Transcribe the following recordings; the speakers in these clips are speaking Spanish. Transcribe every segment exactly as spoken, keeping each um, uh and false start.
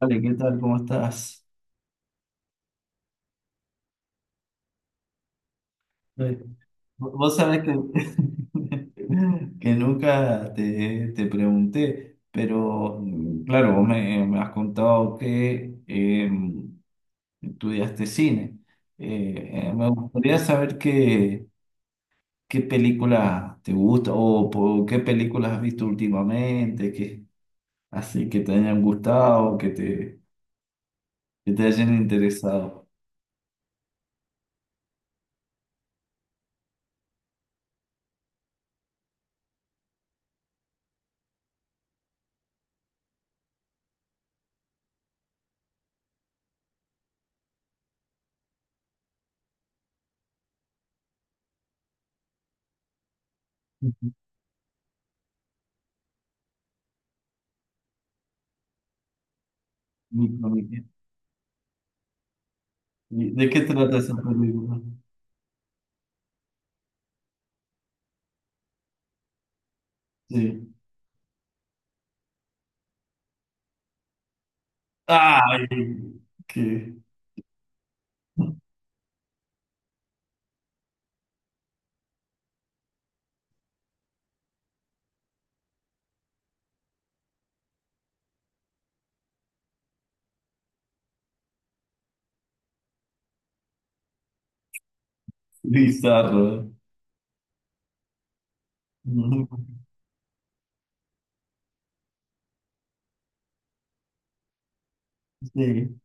Vale, ¿qué tal? ¿Cómo estás? Eh, Vos sabés que, que nunca te, te pregunté, pero mm, claro, vos me, me has contado que eh, estudiaste cine. Eh, eh, me gustaría saber qué, qué película te gusta, o po- qué películas has visto últimamente, que, así que te hayan gustado, que te, que te hayan interesado. Ujú. ¿Y- y- y ¿De qué trata esa película? Sí. Ay, qué bizarro. Sí,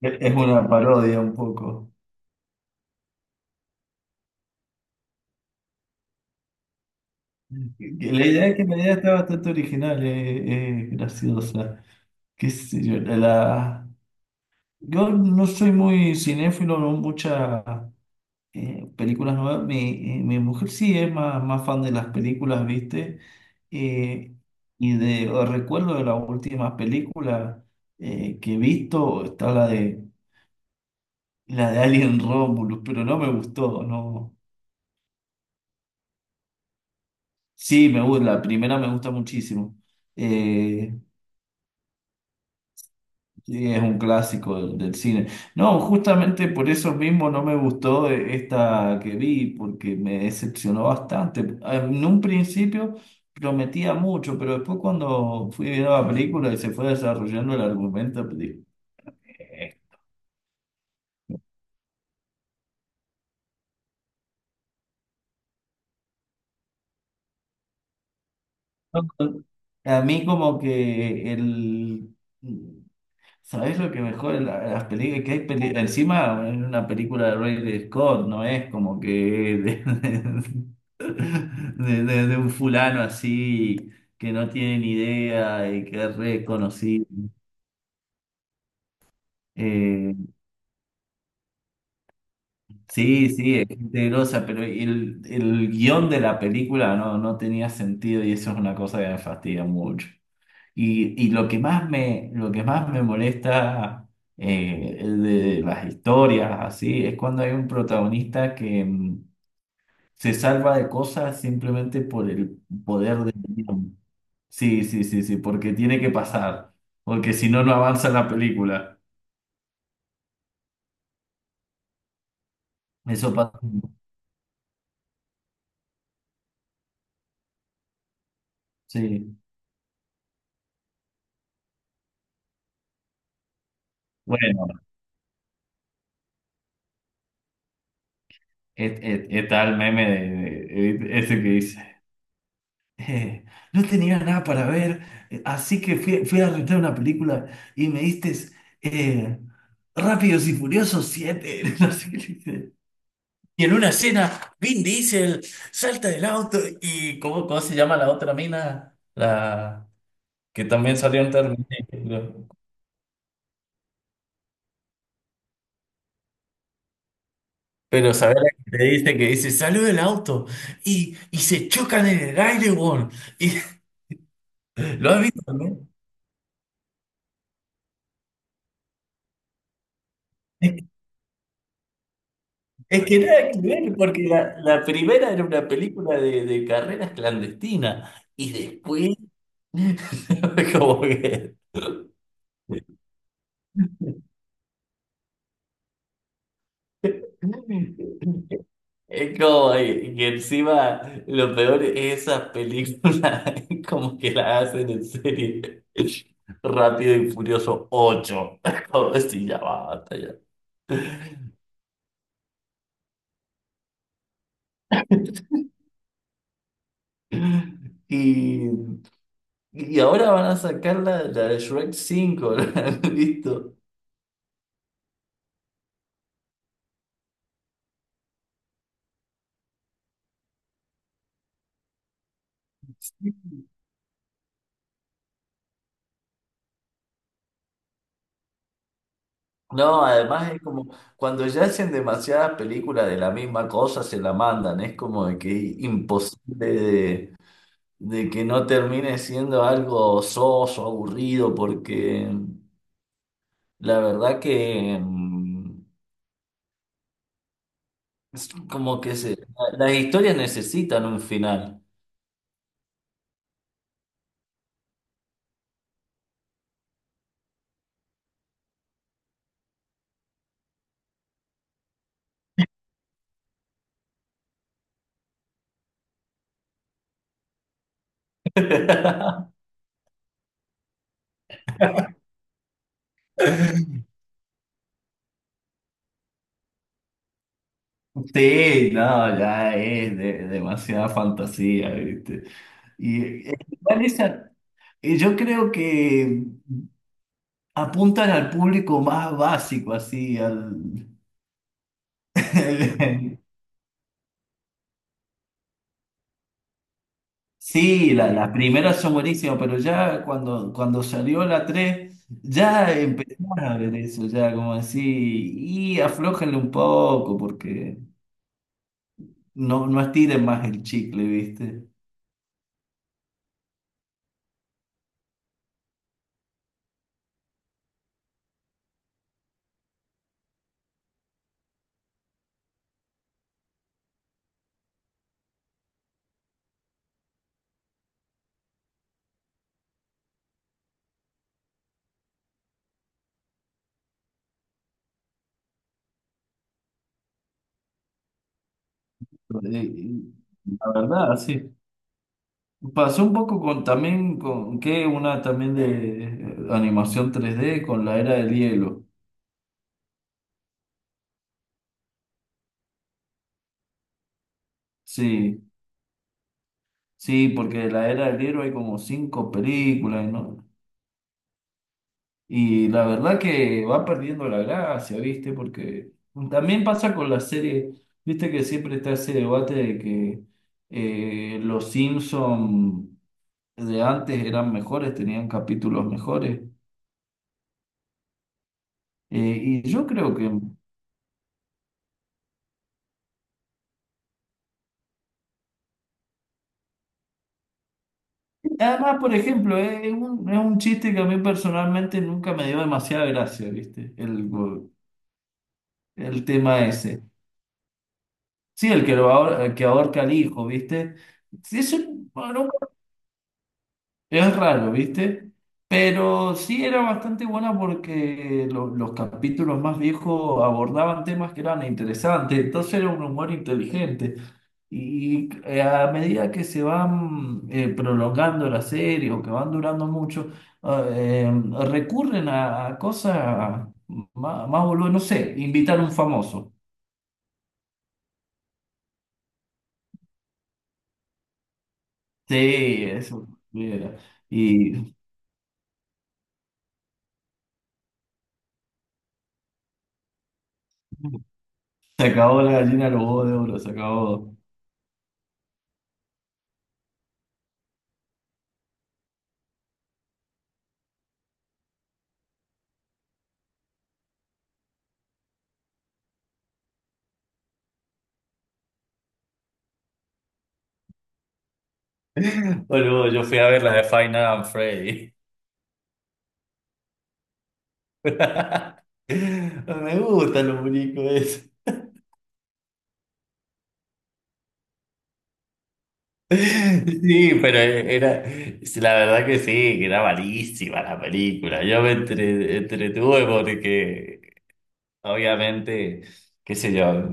es una parodia un poco. La idea es que la idea está bastante original, eh, eh, graciosa. Qué sé yo, la, la- yo no soy muy cinéfilo, no muchas eh, películas nuevas. Mi, eh, mi mujer sí es más, más fan de las películas, ¿viste? Eh, y de o recuerdo de la última película eh, que he visto, está la de La de Alien Romulus, pero no me gustó, no. Sí, me gusta, la primera me gusta muchísimo. Eh, sí, es un clásico del, del cine. No, justamente por eso mismo no me gustó eh, esta que vi, porque me decepcionó bastante. Ah, en un principio prometía mucho, pero después cuando fui viendo la película y se fue desarrollando el argumento, pues dije, "Eh". ¿A mí como que el sabes lo que mejor en la- en las películas? Que hay peli- encima en una película de Ridley Scott, no es como que de, de- de- de un fulano así que no tiene ni idea y que es reconocido. Eh, sí, sí, es gente grosa, pero el, el guión de la película no, no tenía sentido y eso es una cosa que me fastidia mucho. Y, y lo que más me, lo que más me molesta eh, de las historias así es cuando hay un protagonista que mm, se salva de cosas simplemente por el poder del guión. Sí, sí, sí, sí, porque tiene que pasar, porque si no, no avanza la película. Eso pasa. Sí. Bueno, es, es- está el meme de, de- de- ese que dice. Eh, no tenía nada para ver, eh, así que fui, fui a rentar una película y me diste eh, Rápidos y Furiosos siete no sé qué dice. Y en una escena, Vin Diesel salta del auto y ¿cómo, cómo se llama la otra mina? La que también salió en Terminator. Pero sabes la que te dice que dice, salió del auto y, y se chocan en el aire, weón. Y, ¿lo has visto, no? Es que nada que ver, porque la, la primera era una película de, de carreras clandestinas y después, como que. Es como que que encima lo peor es esas películas, es como que las hacen en serie Rápido y Furioso ocho como si ya basta ya. Y, y ahora van a sacar la, la de Shrek cinco listo. No, además es como cuando ya hacen demasiadas películas de la misma cosa, se la mandan. Es como de que es imposible de, de que no termine siendo algo soso, aburrido, porque la verdad que mm, es como que se, la- las historias necesitan un final. Sí, no, ya es de- demasiada fantasía, ¿viste? Y, eh, igual esa- y yo creo que apuntan al público más básico, así, al. Sí, la- las primeras son buenísimas, pero ya cuando, cuando salió la tres ya empezamos a ver eso, ya como así, y aflójenle un poco, porque no, no estiren más el chicle, ¿viste? Eh, La verdad, sí. Pasó un poco con también, con que una también de eh, animación tres d con la era del hielo, sí. Sí, porque la era del libro hay como cinco películas, ¿no? Y la verdad que va perdiendo la gracia, ¿viste? Porque también pasa con las series, ¿viste? Que siempre está ese debate de que eh, los Simpson de antes eran mejores, tenían capítulos mejores. Eh, y yo creo que, además, por ejemplo, es es un, es un chiste que a mí personalmente nunca me dio demasiada gracia, ¿viste? El, el tema ese. Sí, el que, lo ahor- el que ahorca al hijo, ¿viste? Sí, Es, un- bueno, es raro, ¿viste? Pero sí era bastante buena porque lo- los capítulos más viejos abordaban temas que eran interesantes, entonces era un humor inteligente. Y, eh, a medida que se van eh, prolongando la serie o que van durando mucho, eh, em, recurren a, a cosas más, más boludas, no sé, invitar a un famoso. Sí, eso era. Y. Se acabó la gallina de los huevos de oro, se acabó. Boludo, yo fui a ver la de Five Nights at Freddy. Me gustan los muñecos esos. Sí, pero era, la verdad que sí, que era malísima la película. Yo me entre- entretuve porque, obviamente, qué sé yo.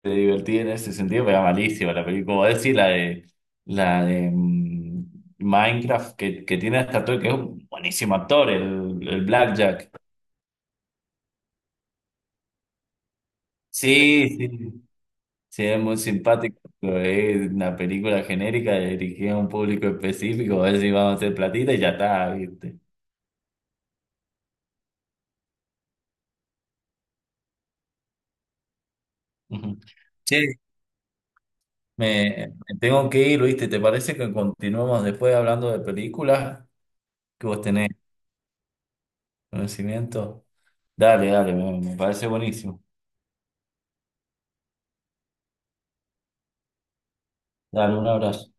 Te divertí en ese sentido, pero era malísima la película. Como decir, la de, la de mm, Minecraft, que, que tiene hasta todo, que es un buenísimo actor, el, el Blackjack. Sí, sí, sí, es muy simpático. Pero es una película genérica dirigida a un público específico, a ver si vamos a hacer platita y ya está, ¿viste? Ujú. Che, me, me tengo que ir, ¿viste? ¿Te parece que continuemos después hablando de películas que vos tenés conocimiento? Dale, dale, me me parece buenísimo. Dale, un abrazo.